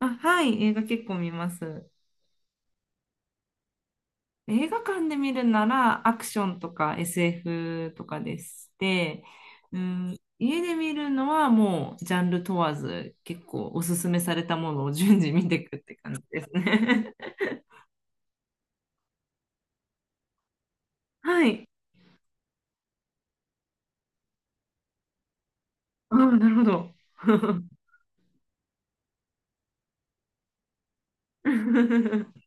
あ、はい、映画結構見ます。映画館で見るならアクションとか SF とかでして、うん、家で見るのはもうジャンル問わず結構おすすめされたものを順次見ていくって感じですね。はい。ああ、なるほど。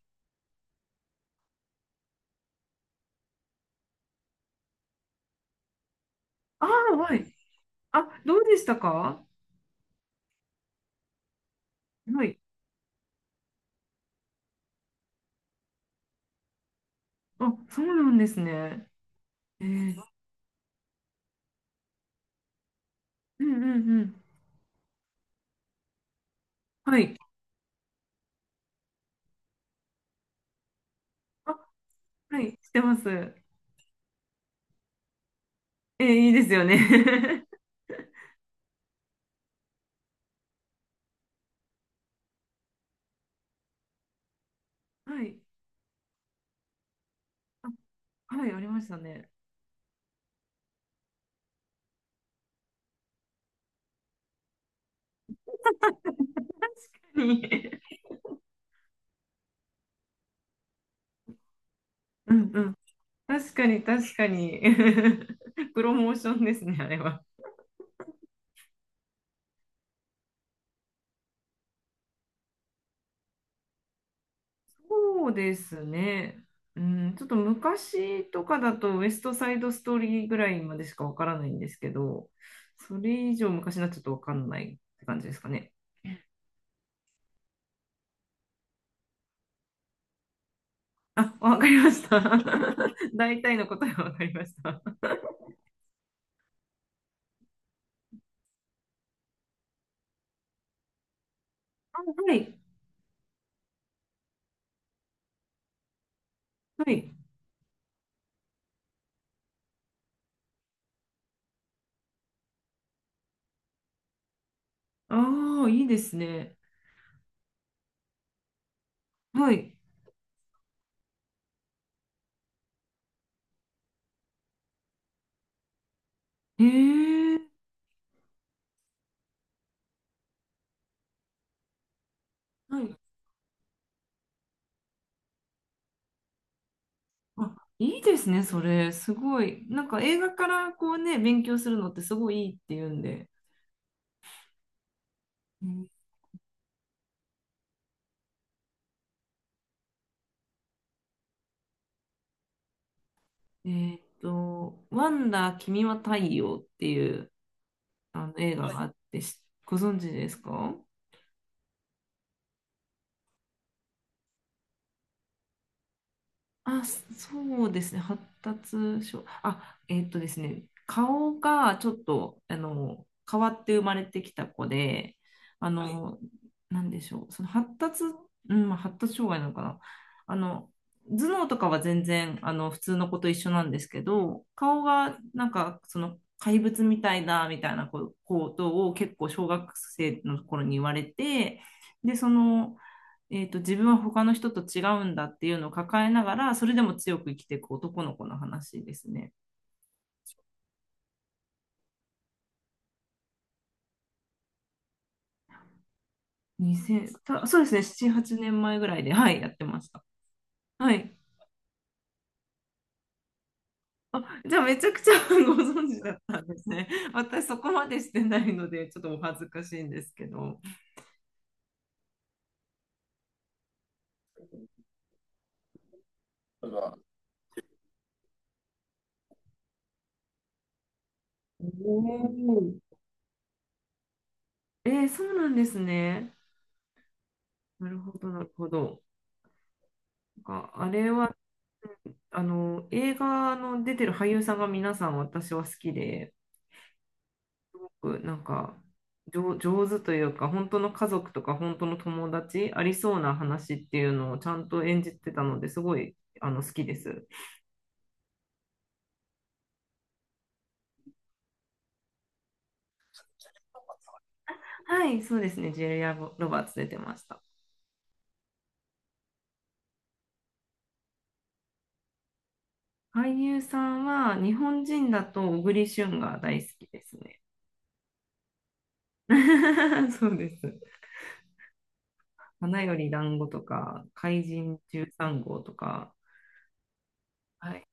ああ、はい。あ、どうでしたか？はい。あ、そうなんですね。えー、うんうんうん。はい。あ、はい、してます。いいですよね。はい。はい、ありましたね。にうんうん。確かに、確かに。プロモーションですね、あれは。そうですね。うん、ちょっと昔とかだと、ウエストサイドストーリーぐらいまでしかわからないんですけど、それ以上昔になっちゃうとわかんないって感じですかね。あ、わかりました。大体の答えはわかりました。あ、はい、はい。ああ、いいですね。はい。ええ、はい。あ、いいですね、それ。すごい。なんか映画からこうね、勉強するのってすごいいいって言うんで。うん。ワンダー君は太陽っていうあの映画はいがあって、しご存知ですか？あ、そうですね。発達症。あ、ですね。顔がちょっと、変わって生まれてきた子で、あはい。の、なんでしょう。その発達、うん、まあ発達障害なのかな。あの、頭脳とかは全然、普通の子と一緒なんですけど、顔が、なんか、その、怪物みたいだ、みたいなこことを結構小学生の頃に言われて、で、その、自分は他の人と違うんだっていうのを抱えながら、それでも強く生きていく男の子の話ですね。2 0た、そうですね、7、8年前ぐらいで、はい、やってました。はい。あ、じゃあめちゃくちゃ ご存知だったんですね。私そこまでしてないので、ちょっとお恥ずかしいんですけど。だからおーえー、そうなんですね。なるほど、なるほど。なんかあれは、あの、映画の出てる俳優さんが皆さん私は好きで、ごくなんか上手というか、本当の家族とか本当の友達、ありそうな話っていうのをちゃんと演じてたのですごい好きです。はい、そうですね。ジェリア・ロバーツ出てました。俳優さんは日本人だと小栗旬が大好きですね。そうです。花より団子とか、怪人13号とか、はい、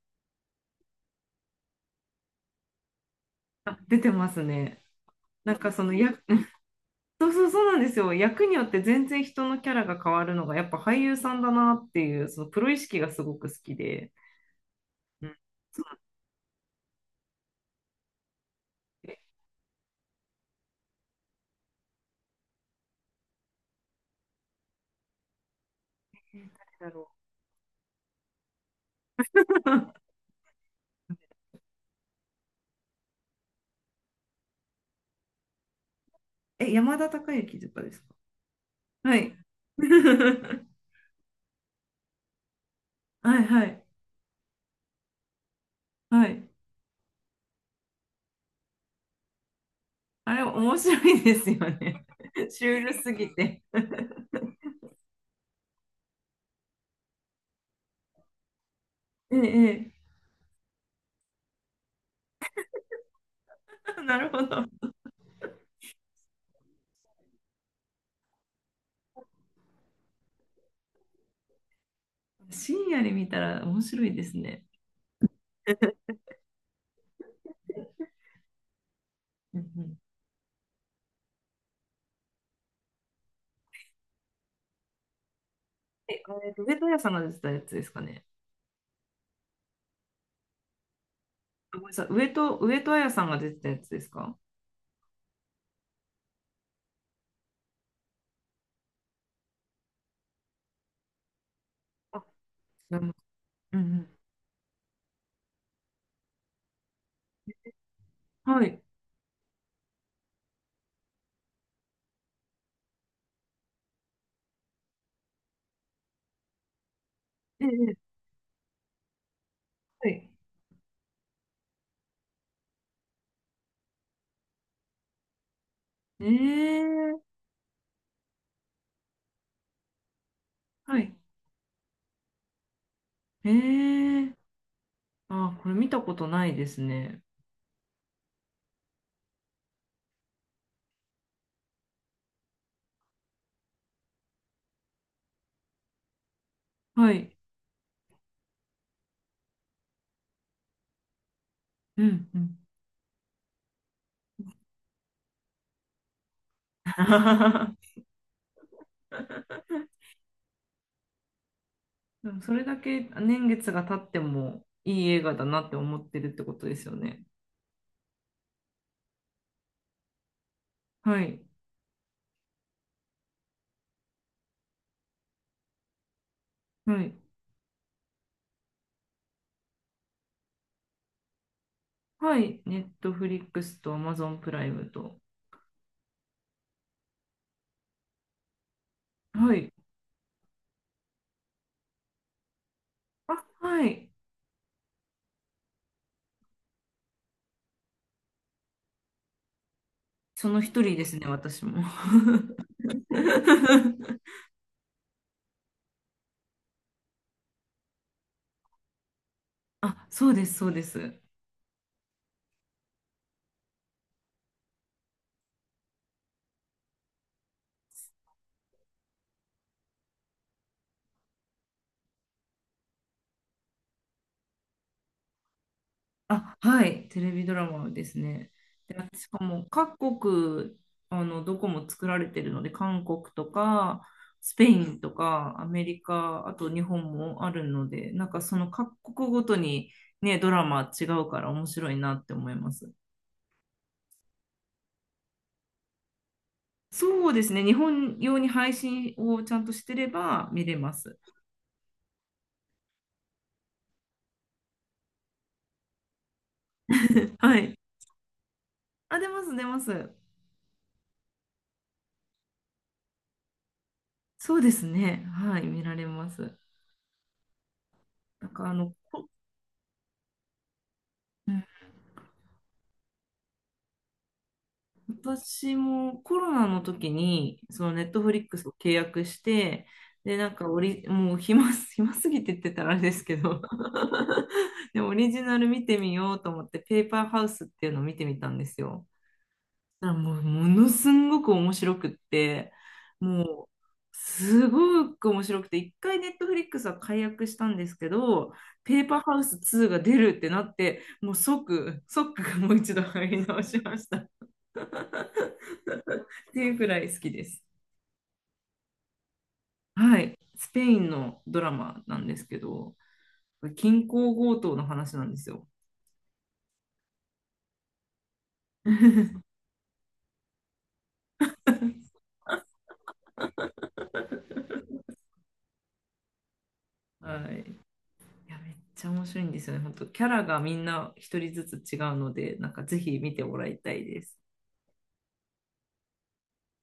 あ、出てますね。なんかその役そうそうそうなんですよ。役によって全然人のキャラが変わるのが、やっぱ俳優さんだなっていう、そのプロ意識がすごく好きで。うん。そうなんです。えー誰だろう。え、山田孝之とかですか？はい。はいはいはい。あれ、面白いですよね。シュールすぎて。ええ、ええ なるほど。深夜に見たら面白いですね。うんうん。え、あれ、上戸彩さんが出てたやつですかね？あごめんなさい。上戸彩さんが出てたやつですか？あ、うんうん、はい。ええ、はい。ええ、はい。ええ、あ、これ見たことないですね。はい。うんうん。でもそれだけ年月が経ってもいい映画だなって思ってるってことですよね。はい。はい。はい。ネットフリックスとアマゾンプライムと。はい。あ、はい。その一人ですね、私も。あ、そうです、そうです。あ、はい、テレビドラマですね。で、しかも各国、あの、どこも作られてるので、韓国とか、スペインとか、アメリカ、あと日本もあるので、なんかその各国ごとにね、ドラマ違うから面白いなって思います。そうですね、日本用に配信をちゃんとしてれば見れます。はい。あ、出ます、出ます。そうですね。はい、見られます。なんかあの、うん私もコロナの時に、そのネットフリックスを契約して、で、なんかオリ、もう暇すぎてって言ってたらあれですけど で、オリジナル見てみようと思って、ペーパーハウスっていうのを見てみたんですよ。だからもう、ものすんごく面白くって、もう、すごく面白くて、一回ネットフリックスは解約したんですけど、ペーパーハウス2が出るってなって、もう即、即もう一度入り直しました。っていうくらい好きです。はい、スペインのドラマなんですけど、銀行強盗の話なんですよ。はい、いやめっちゃ面白いんですよね、本当。キャラがみんな一人ずつ違うので、なんかぜひ見てもらいたいです。